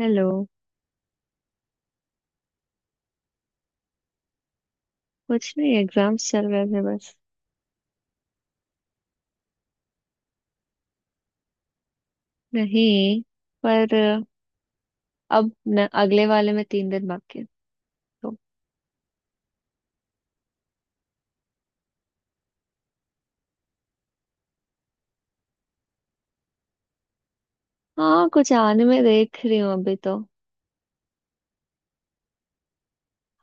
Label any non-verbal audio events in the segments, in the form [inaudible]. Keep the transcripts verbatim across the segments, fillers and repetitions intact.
Hello. कुछ नहीं, exams चल रहे थे बस। नहीं, पर अब न, अगले वाले में तीन दिन बाकी है तो। हाँ, कुछ आने में देख रही हूँ अभी तो।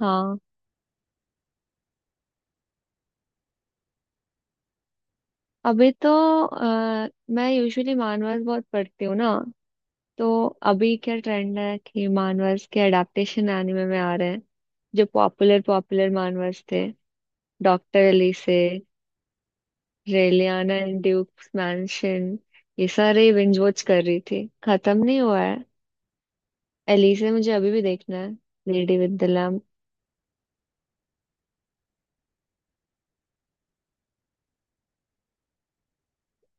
हाँ। अभी तो अ, मैं यूजुअली मानवर्स बहुत पढ़ती हूँ ना। तो अभी क्या ट्रेंड है कि मानवर्स के अडेप्टेशन एनिमे में आ रहे हैं। जो पॉपुलर पॉपुलर मानवर्स थे, doctor Elise, Reliana and duke's mansion, ये सारे बिंज वॉच कर रही थी, खत्म नहीं हुआ है। एलिसा मुझे अभी भी देखना है। Lady with the lamp.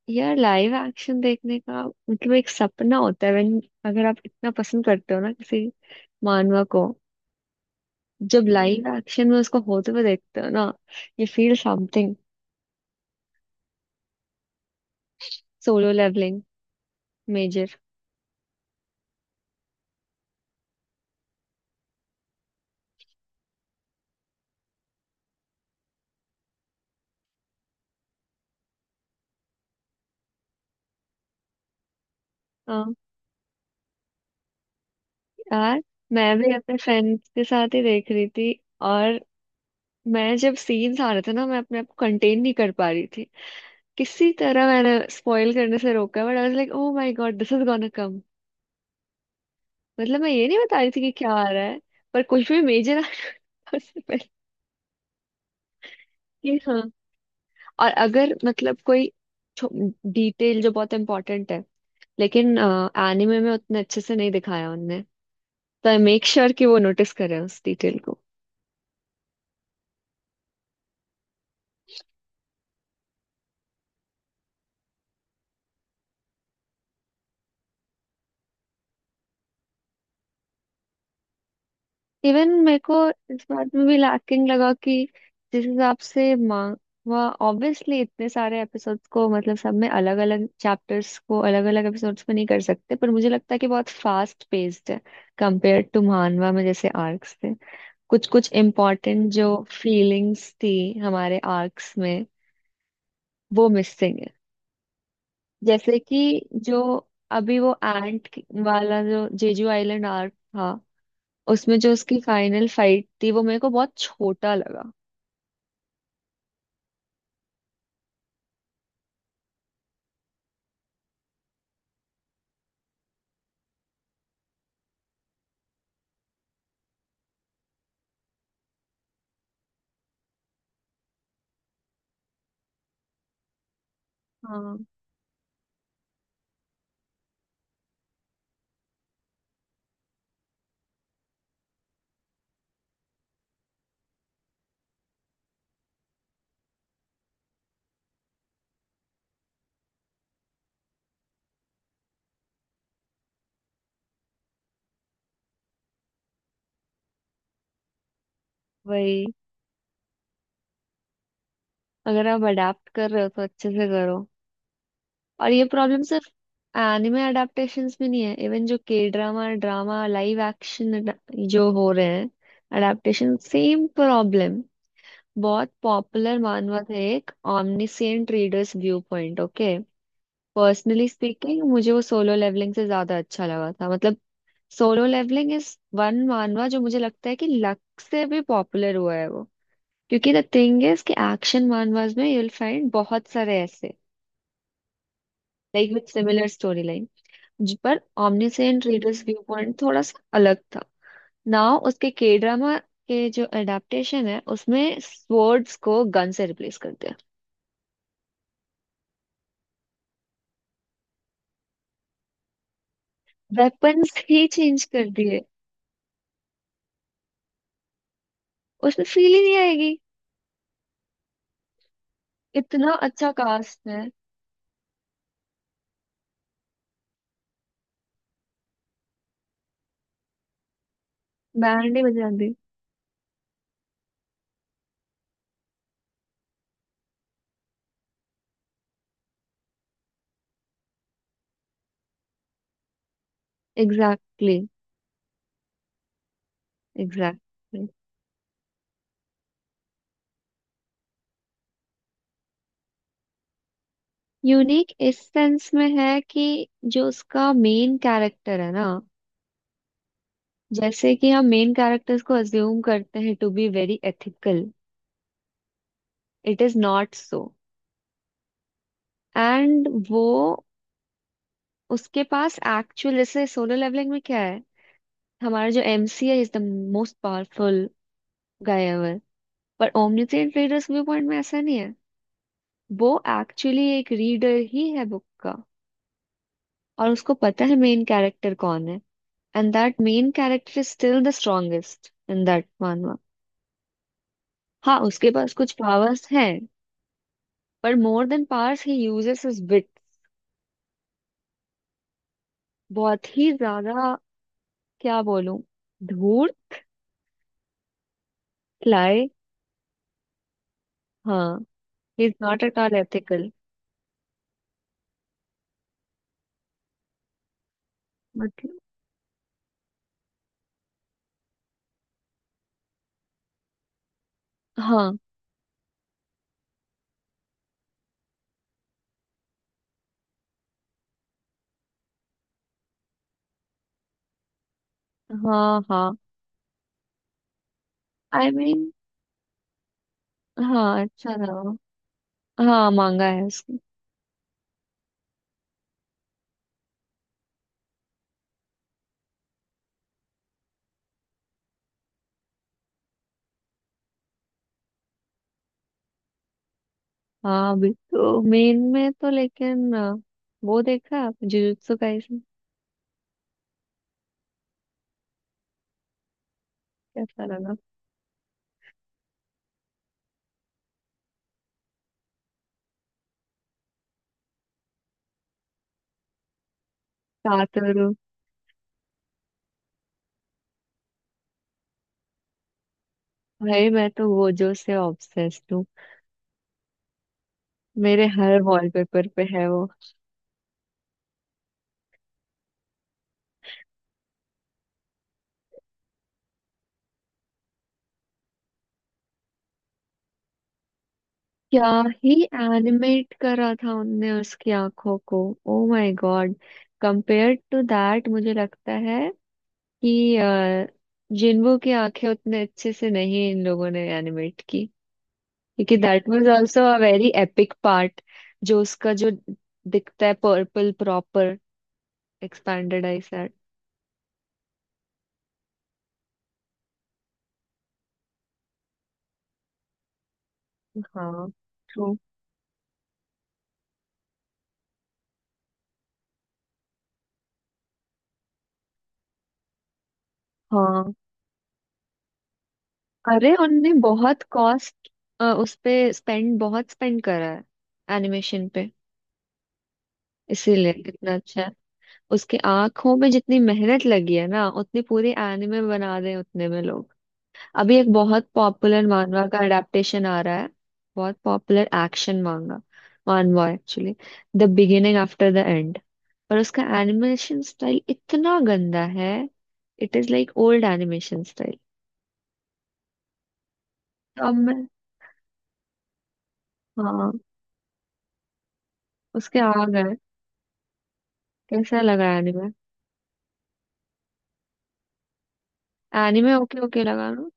यार लाइव एक्शन देखने का मतलब एक सपना होता है when- अगर आप इतना पसंद करते हो ना किसी मानवा को, जब लाइव एक्शन में उसको होते हुए देखते हो ना, you feel something. Solo leveling, major. हाँ, यार, मैं भी अपने फ्रेंड्स के साथ ही देख रही थी। और मैं, जब सीन्स आ रहे थे ना, मैं अपने आप को कंटेन नहीं कर पा रही थी। किसी तरह मैंने स्पॉइल करने से रोका, but I was like oh my God this is gonna come. मतलब मैं ये नहीं बता रही थी कि क्या आ रहा है, पर कुछ भी मेजर [laughs] आने से पहले कि हाँ। और अगर मतलब कोई डिटेल जो बहुत इम्पोर्टेंट है लेकिन एनिमे में उतने अच्छे से नहीं दिखाया उनने, तो आई मेक श्योर कि वो नोटिस करे उस डिटेल को। इवन मेरे को इस बात में भी लैकिंग लगा कि जिस हिसाब से मांगवा, ऑब्वियसली इतने सारे एपिसोड्स को मतलब सब में अलग अलग चैप्टर्स को अलग अलग एपिसोड्स में नहीं कर सकते, पर मुझे लगता है कि बहुत फास्ट पेस्ड है। कंपेयर टू मानवा में जैसे आर्क्स थे, कुछ कुछ इम्पोर्टेंट जो फीलिंग्स थी हमारे आर्क्स में, वो मिसिंग है। जैसे कि जो अभी वो एंट वाला जो जेजू आइलैंड आर्क था, उसमें जो उसकी फाइनल फाइट थी, वो मेरे को बहुत छोटा लगा। हाँ वही, अगर आप अडाप्ट कर रहे हो तो अच्छे से करो। और ये प्रॉब्लम सिर्फ एनिमे अडाप्टेशंस में नहीं है, इवन जो K drama, drama live action जो हो रहे हैं, अडाप्टेशन, सेम प्रॉब्लम। बहुत पॉपुलर मानवा था एक, omniscient readers view point. Okay, personally speaking मुझे वो सोलो लेवलिंग से ज्यादा अच्छा लगा था। मतलब solo leveling is one manhwa जो मुझे लगता है कि लक से भी पॉपुलर हुआ है वो, क्योंकि द थिंग इज कि एक्शन मानवास में यू विल फाइंड बहुत सारे ऐसे, like with similar story line. पर ऑमनीसेंट रीडर्स व्यू पॉइंट थोड़ा सा अलग था। नाउ उसके के ड्रामा के जो एडाप्टेशन है, उसमें स्वर्ड्स को गन से रिप्लेस कर दिया। वेपन्स ही चेंज कर दिए। उसमें फील ही नहीं आएगी। इतना अच्छा कास्ट है। बैंड ही बजा दी। Exactly, exactly. यूनिक इस सेंस में है कि जो उसका मेन कैरेक्टर है ना, जैसे कि हम मेन कैरेक्टर्स को अज्यूम करते हैं to be very ethical, it is not so. And वो, उसके पास एक्चुअल, जैसे सोलो लेवलिंग में क्या है, हमारा जो एमसी है is the most powerful guy ever. पर ओमनिसेंट रीडर्स व्यू पॉइंट में ऐसा नहीं है। वो एक्चुअली एक रीडर ही है बुक का, और उसको पता है मेन कैरेक्टर कौन है, and that main character is still the strongest in that manhwa. हाँ उसके पास कुछ पावर्स हैं, पर मोर देन पावर्स ही यूजेस हिज विट, बहुत ही ज्यादा। क्या बोलूं, धूल लाए। हाँ, he is not at all ethical. मतलब, हाँ, हाँ, हाँ। आई I मीन mean, हाँ, अच्छा था। हाँ, मांगा है उसने। हाँ भी तो मेन में तो, लेकिन अ, वो देखा आप, जुजुत्सु काइसन? कैसा लगा? कातोरू। भाई, मैं तो वो जो से ऑब्सेस्ड हूँ। मेरे हर वॉलपेपर पे है वो। क्या ही एनिमेट करा था उनने उसकी आंखों को। Oh my god. Compare to that मुझे लगता है कि अ, जिन्हों की आंखें उतने अच्छे से नहीं इन लोगों ने एनिमेट की, क्योंकि that was also a very epic part. जो उसका जो दिखता है, purple proper expanded eye set. हाँ, ट्रू। हाँ, अरे उनने बहुत कॉस्ट उस पे स्पेंड, बहुत स्पेंड करा है एनिमेशन पे, इसीलिए कितना अच्छा है। उसके आंखों में जितनी मेहनत लगी है ना, उतनी पूरी एनिमे बना रहे हैं उतने में लोग। अभी एक बहुत पॉपुलर मानवा का अडेप्टेशन आ रहा है, बहुत popular action manga, manhwa actually, the beginning after the end. पर उसका एनिमेशन स्टाइल इतना गंदा है, it is like old animation style. तो अब मैं, हाँ उसके आ गए। कैसा लगा एनिमे? एनिमे ओके ओके लगा ना।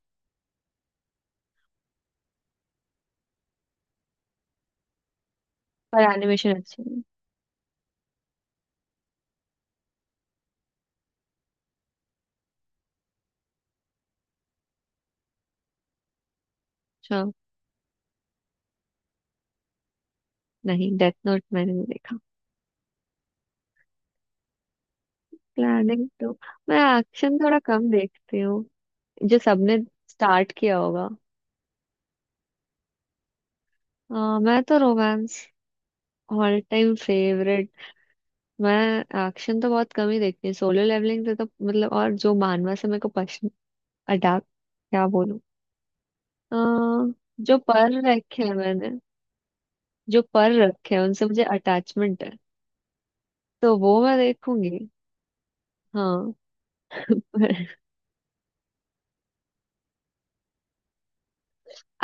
पर एनिमेशन अच्छा है? अच्छा, नहीं, डेथ नोट मैंने नहीं देखा। प्लानिंग तो, मैं एक्शन थोड़ा कम देखती हूँ, जो सबने स्टार्ट किया होगा। आ, मैं तो रोमांस, ऑल टाइम फेवरेट। मैं एक्शन तो बहुत कम ही देखती हूँ, सोलो लेवलिंग से तो मतलब, और जो मानवा से मेरे को पसंद, अटैक। क्या बोलूं अ, जो पर रखे हैं मैंने, जो पर रखे हैं उनसे मुझे अटैचमेंट है, तो वो मैं देखूंगी। हाँ [laughs]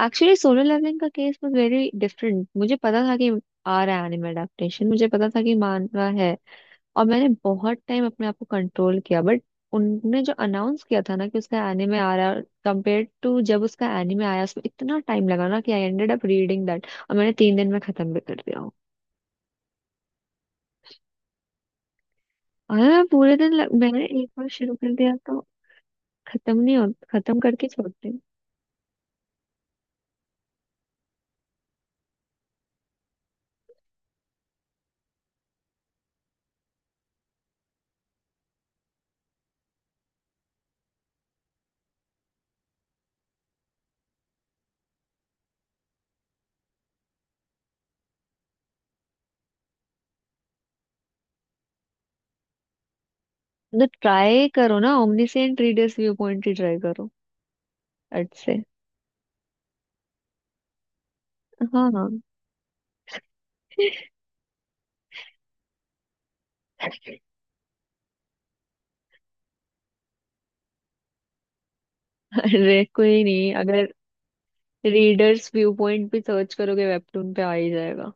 एक्चुअली सोलर लेवलिंग का केस वाज वेरी डिफरेंट। मुझे पता था कि आ रहा है एनिमे अडेप्टेशन, मुझे पता था कि मानवा है, और मैंने बहुत टाइम अपने आप को कंट्रोल किया, बट उनने जो अनाउंस किया था ना कि उसका एनिमे आ रहा है, कंपेयर टू जब उसका एनिमे आया, उसमें इतना टाइम लगा ना कि I ended up reading that, और मैंने तीन दिन में खत्म भी कर दिया हूँ। और मैं पूरे दिन लग- मैंने एक बार शुरू कर दिया तो खत्म नहीं हो, खत्म करके छोड़ती हूँ। तो ट्राई करो ना, ओमनीसेंट रीडर्स व्यू पॉइंट ही ट्राई करो। अट से। हाँ, हाँ। अरे कोई नहीं, अगर रीडर्स व्यू पॉइंट भी सर्च करोगे वेबटून पे आ ही जाएगा।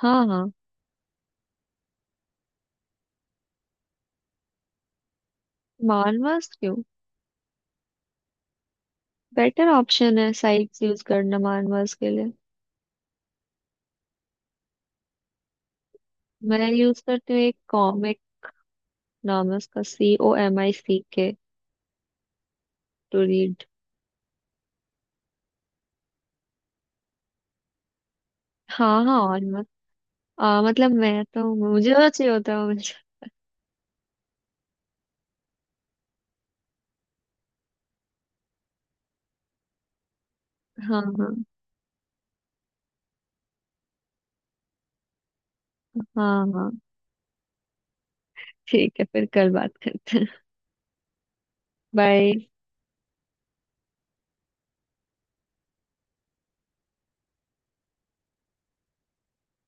हाँ, हाँ। मानवास क्यों, बेटर ऑप्शन है साइट्स यूज करना मानवास के लिए। मैं यूज करती हूँ एक कॉमिक, नाम है उसका C O M I C K, to read. हाँ, हाँ। और मत, आ, मतलब मैं तो, मुझे तो चाहिए होता है मुझे। हाँ, हाँ, हाँ, हाँ। ठीक है, फिर कल बात करते हैं। बाय।